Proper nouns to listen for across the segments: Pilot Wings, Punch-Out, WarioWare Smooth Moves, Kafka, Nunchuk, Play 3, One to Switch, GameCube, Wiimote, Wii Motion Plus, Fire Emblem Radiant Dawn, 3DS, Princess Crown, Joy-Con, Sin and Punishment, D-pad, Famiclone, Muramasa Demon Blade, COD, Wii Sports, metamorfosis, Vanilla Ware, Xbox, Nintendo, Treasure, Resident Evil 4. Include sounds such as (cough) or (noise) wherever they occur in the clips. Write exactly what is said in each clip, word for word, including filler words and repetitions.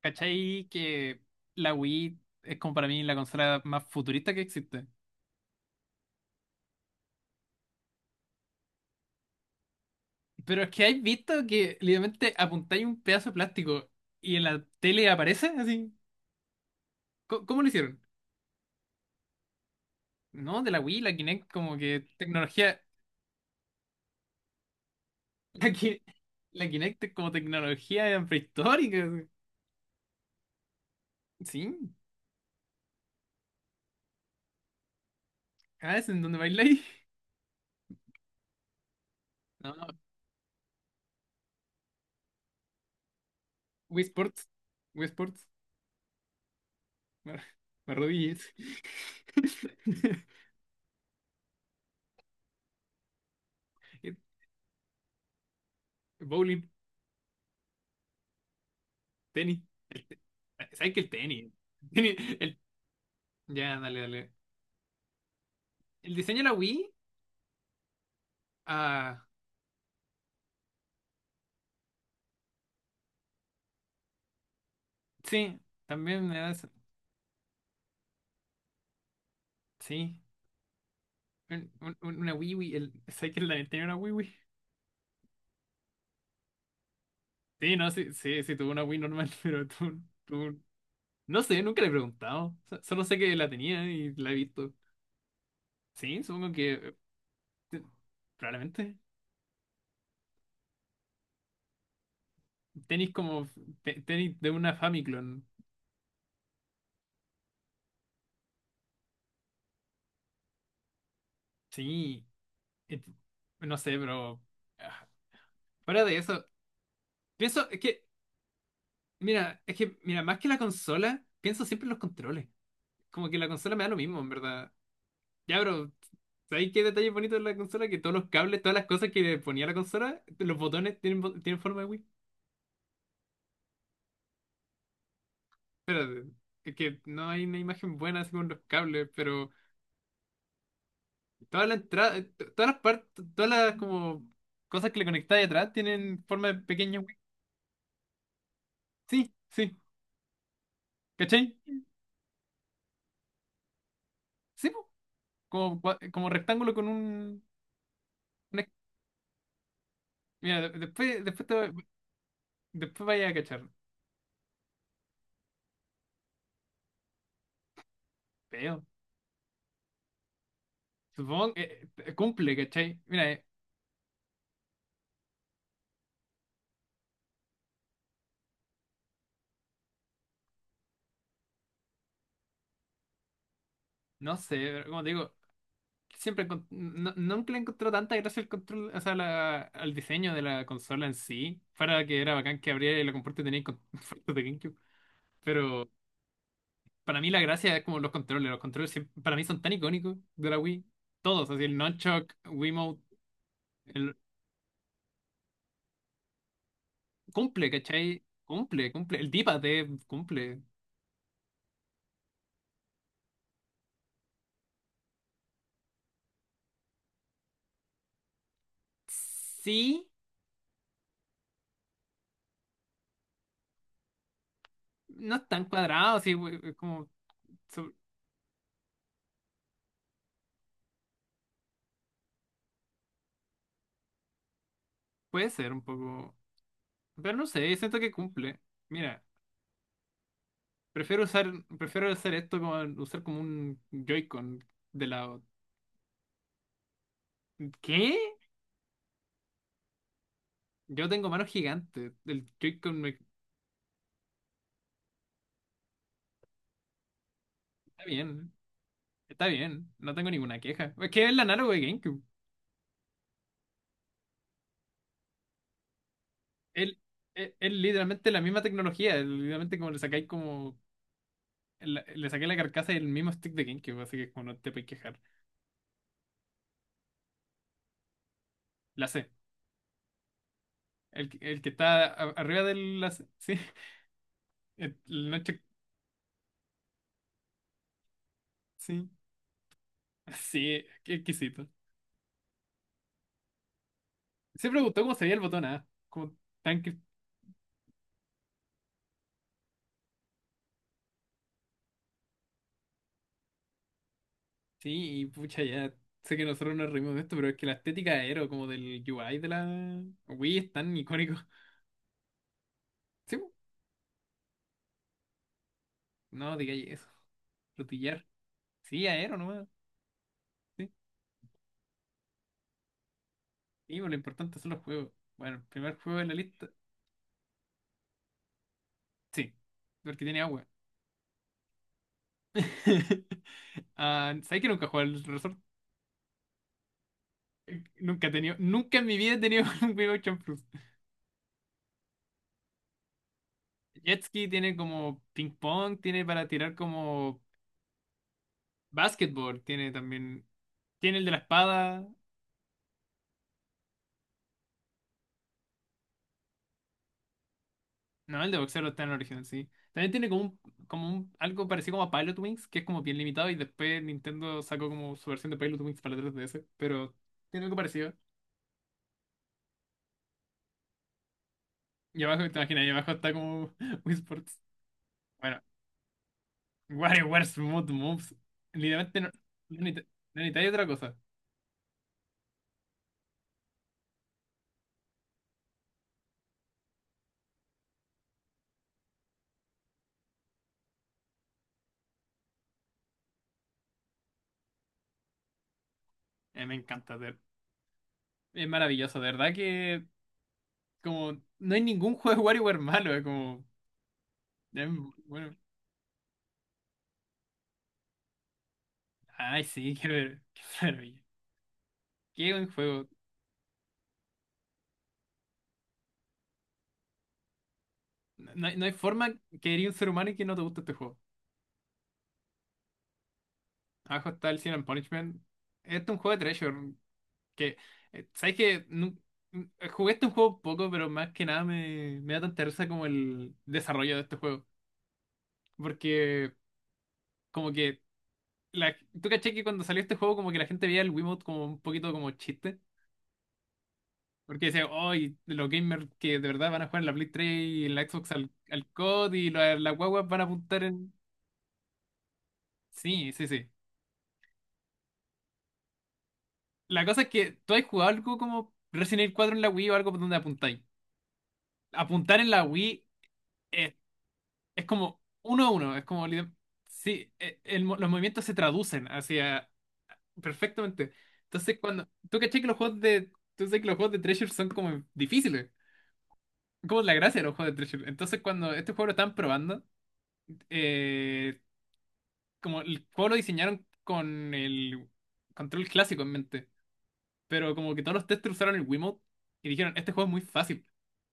¿Cachai? Que la Wii es como para mí la consola más futurista que existe. Pero es que hay visto que literalmente apuntáis un pedazo de plástico y en la tele aparece así. ¿Cómo, cómo lo hicieron? No, de la Wii, la Kinect como que tecnología. (laughs) La, Ki- la Kinect es como tecnología prehistórica así. Sí. Ah, es en donde bailáis. (laughs) No, no. Wii Sports. Wii Sports. Me, me arrodillé. (laughs) Bowling. Tenis. El te- ¿Sabes qué? El tenis. (laughs) Tenis, el- Ya, dale, dale. El diseño de la Wii. Ah, sí, también me da esa. Sí. un- un- un- una Wii Wii. El... ¿Sabes que la Nintendo tenía una Wii Wii? Sí, no, sí, sí, sí, tuvo una Wii normal, (laughs) pero tú, tú... No sé, nunca le he preguntado. So- Solo sé que la tenía y la he visto. Sí, supongo que... eh, te- probablemente. Tenis como... te- tenis de una Famiclone. Sí. Et- no sé, pero... ah, fuera de eso... Pienso, es que mira, es que, mira, más que la consola, pienso siempre en los controles. Como que la consola me da lo mismo, en verdad. Ya, pero, ¿sabes qué detalle bonito de la consola? Que todos los cables, todas las cosas que le ponía la consola, los botones tienen, bo- tienen forma de Wii. Es que no hay una imagen buena así con los cables, pero toda la entrada, to- todas las partes, todas las como cosas que le conectáis atrás tienen forma de pequeña Wii. Sí, sí, ¿cachai? Sí, po, como, gua- como rectángulo con un... una- mira, después, después, te, va- después vaya a cachar. Feo. Supongo que eh, eh, cumple, ¿cachai? Mira, eh, no sé, pero como te digo, siempre encont- no, nunca le encontró tanta gracia al control, o sea, la- al diseño de la consola en sí. Para que era bacán que abriera y la comporte tenía con (laughs) fotos de GameCube. Pero para mí la gracia es como los controles. Los controles siempre- para mí son tan icónicos de la Wii. Todos, así el Nunchuk, Wiimote, el cumple, ¿cachai? Cumple, cumple. El D-pad eh, cumple. Sí, no es tan cuadrado, sí, we- como. so- Puede ser un poco. Pero no sé, siento que cumple. Mira, prefiero usar, prefiero hacer esto como usar como un Joy-Con de lado. ¿Qué? Yo tengo manos gigantes. El Joy-Con me... Está bien, está bien. No tengo ninguna queja. Es que es el análogo de GameCube. El- Es es literalmente la misma tecnología. Es literalmente como le sacáis como la- le saqué la carcasa y el mismo stick de GameCube, así que como no te puedes quejar. La C. El, que- el que está a- arriba de la C. (laughs) Sí. El, el Nunchuck. Sí. (laughs) Sí, qué exquisito. Se preguntó cómo se veía el botón A. Como tanque. Sí, y pucha, ya sé que nosotros nos reímos de esto, pero es que la estética de Aero, como del U I de la Wii, es tan icónico. (laughs) Sí, po. No digáis eso. Rotillar. Sí, Aero nomás. Sí, sí, po, lo importante son los juegos. Bueno, el primer juego de la lista. Sí, porque tiene agua. (laughs) Ah, ¿sabes que nunca jugué al Resort? Eh, Nunca he tenido, nunca en mi vida he tenido (laughs) un Wii Motion Plus. Jet Ski tiene como ping pong, tiene para tirar como basketball tiene también. Tiene el de la espada. No, el de boxeo no está en el original, sí. También tiene como un, como un, algo parecido como a Pilot Wings, que es como bien limitado, y después Nintendo sacó como su versión de Pilot Wings para la tres D S, pero tiene algo parecido. Y abajo, te imaginas, y abajo está como (laughs) Wii Sports. Bueno, WarioWare Smooth Moves. Literalmente no, no necesita- no necesitáis otra cosa. Eh, me encanta, de- es maravilloso, de verdad que como no hay ningún (laughs) juego de WarioWare malo, es como... es bueno. Ay, sí, (laughs) qué, ver- qué maravilla. Qué buen juego. No no hay, no hay forma que eres un ser humano y que no te guste este juego. Abajo está el Sin and Punishment. Este es un juego de Treasure. Que, eh, ¿sabes qué? Nu- eh, Jugué este juego poco, pero más que nada me, me da tanta risa como el desarrollo de este juego. Porque, como que. La, ¿tú caché que cuando salió este juego, como que la gente veía el Wiimote como un poquito como chiste? Porque decía, hoy los gamers que de verdad van a jugar en la Play tres y en la Xbox al, al COD y la- las guaguas van a apuntar en. Sí, sí, sí. La cosa es que tú has jugado algo como Resident Evil cuatro en la Wii o algo por donde apuntáis. Apuntar en la Wii es, es como uno a uno. Es como. liter- Sí, e- el mo- los movimientos se traducen hacia. Perfectamente. Entonces, cuando. Tú caché que los juegos de. Tú sabes que los juegos de Treasure son como difíciles. Como la gracia de los juegos de Treasure. Entonces, cuando este juego lo estaban probando, eh, como el juego lo diseñaron con el control clásico en mente. Pero como que todos los testers usaron el Wiimote y dijeron, este juego es muy fácil.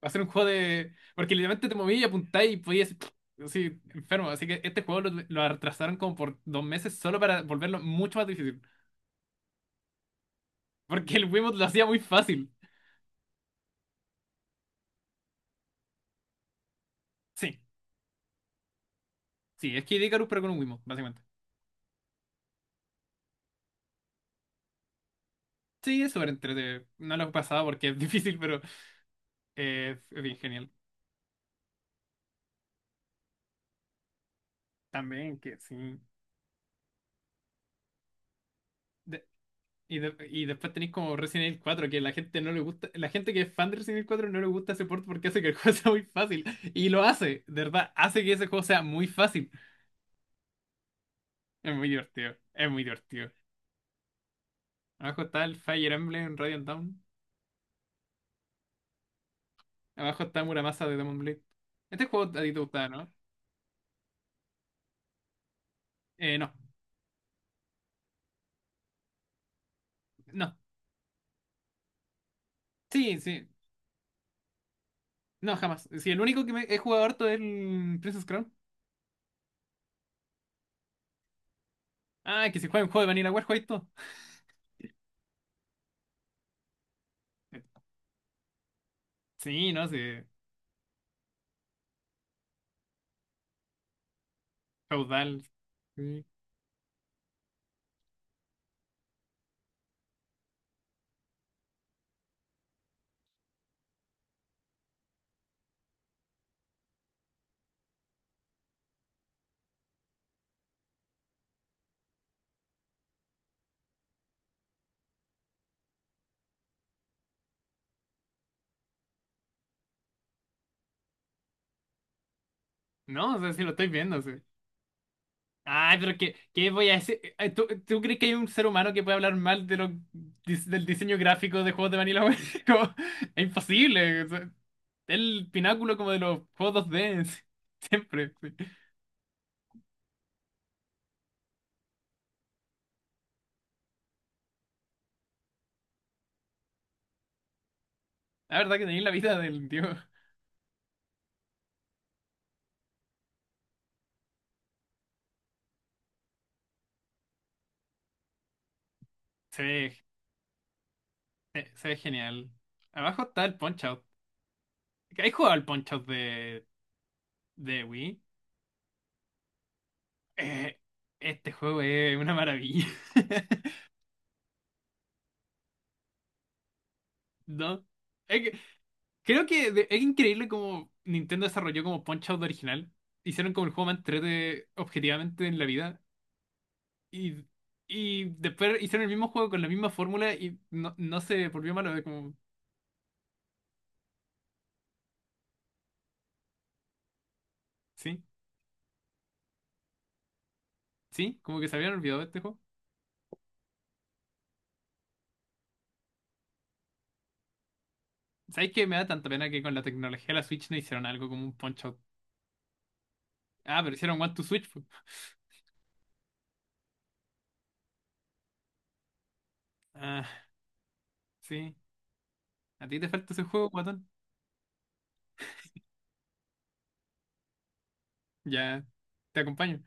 Va a ser un juego de... Porque literalmente te movías y apuntáis y podías... hacer (tsk) así, enfermo. Así que este juego lo, lo retrasaron como por dos meses solo para volverlo mucho más difícil. Porque el Wiimote lo hacía muy fácil. Sí, sí, es que Icarus pero con un Wiimote, básicamente. Sí, es súper entretenido. No lo he pasado porque es (laughs) difícil, pero eh, es bien genial. También que sí. Y, de- y después tenéis como Resident Evil cuatro que la gente no le gusta, la gente que es fan de Resident Evil cuatro no le gusta ese port porque hace que el juego (laughs) sea muy fácil. Y lo hace, de verdad, hace que ese juego sea muy fácil. Es muy divertido, es muy divertido. Abajo está el Fire Emblem Radiant Dawn. Abajo está Muramasa de Demon Blade. Este juego a ti te gustaba, ¿no? Eh, no, no. Sí, sí. No, jamás. Sí, el único que me he jugado harto es el Princess Crown. Ah, que si juega un juego de Vanilla Ware, todo. Sí, no, sí. Feudal. Sí. No, o sea, sí lo estoy viendo, sí. Ay, pero ¿qué, qué voy a decir? Eh, ¿Tú, tú crees que hay un ser humano que puede hablar mal de lo, dis- del diseño gráfico de juegos de Vanilla Ware? (laughs) Como, es imposible, o sea, el pináculo como de los juegos dos D. Sí, (laughs) siempre. Sí. La verdad que tenéis la vida del dios. Se ve, se, se ve genial. Abajo está el Punch-Out. ¿Has jugado al Punch-Out de, de Wii? Eh, este juego es una maravilla. (laughs) ¿No? Es que creo que de- es increíble cómo Nintendo desarrolló como Punch-Out original. Hicieron como el juego más entrete objetivamente en la vida. Y, y después hicieron el mismo juego con la misma fórmula y no, no se volvió malo. Es como, sí, sí, como que se habían olvidado de este juego. ¿Sabes que me da tanta pena que con la tecnología de la Switch no hicieron algo como un Punch-Out? Ah, pero hicieron One to Switch, po. Ah, sí. ¿A ti te falta ese juego, guatón? Ya, te acompaño.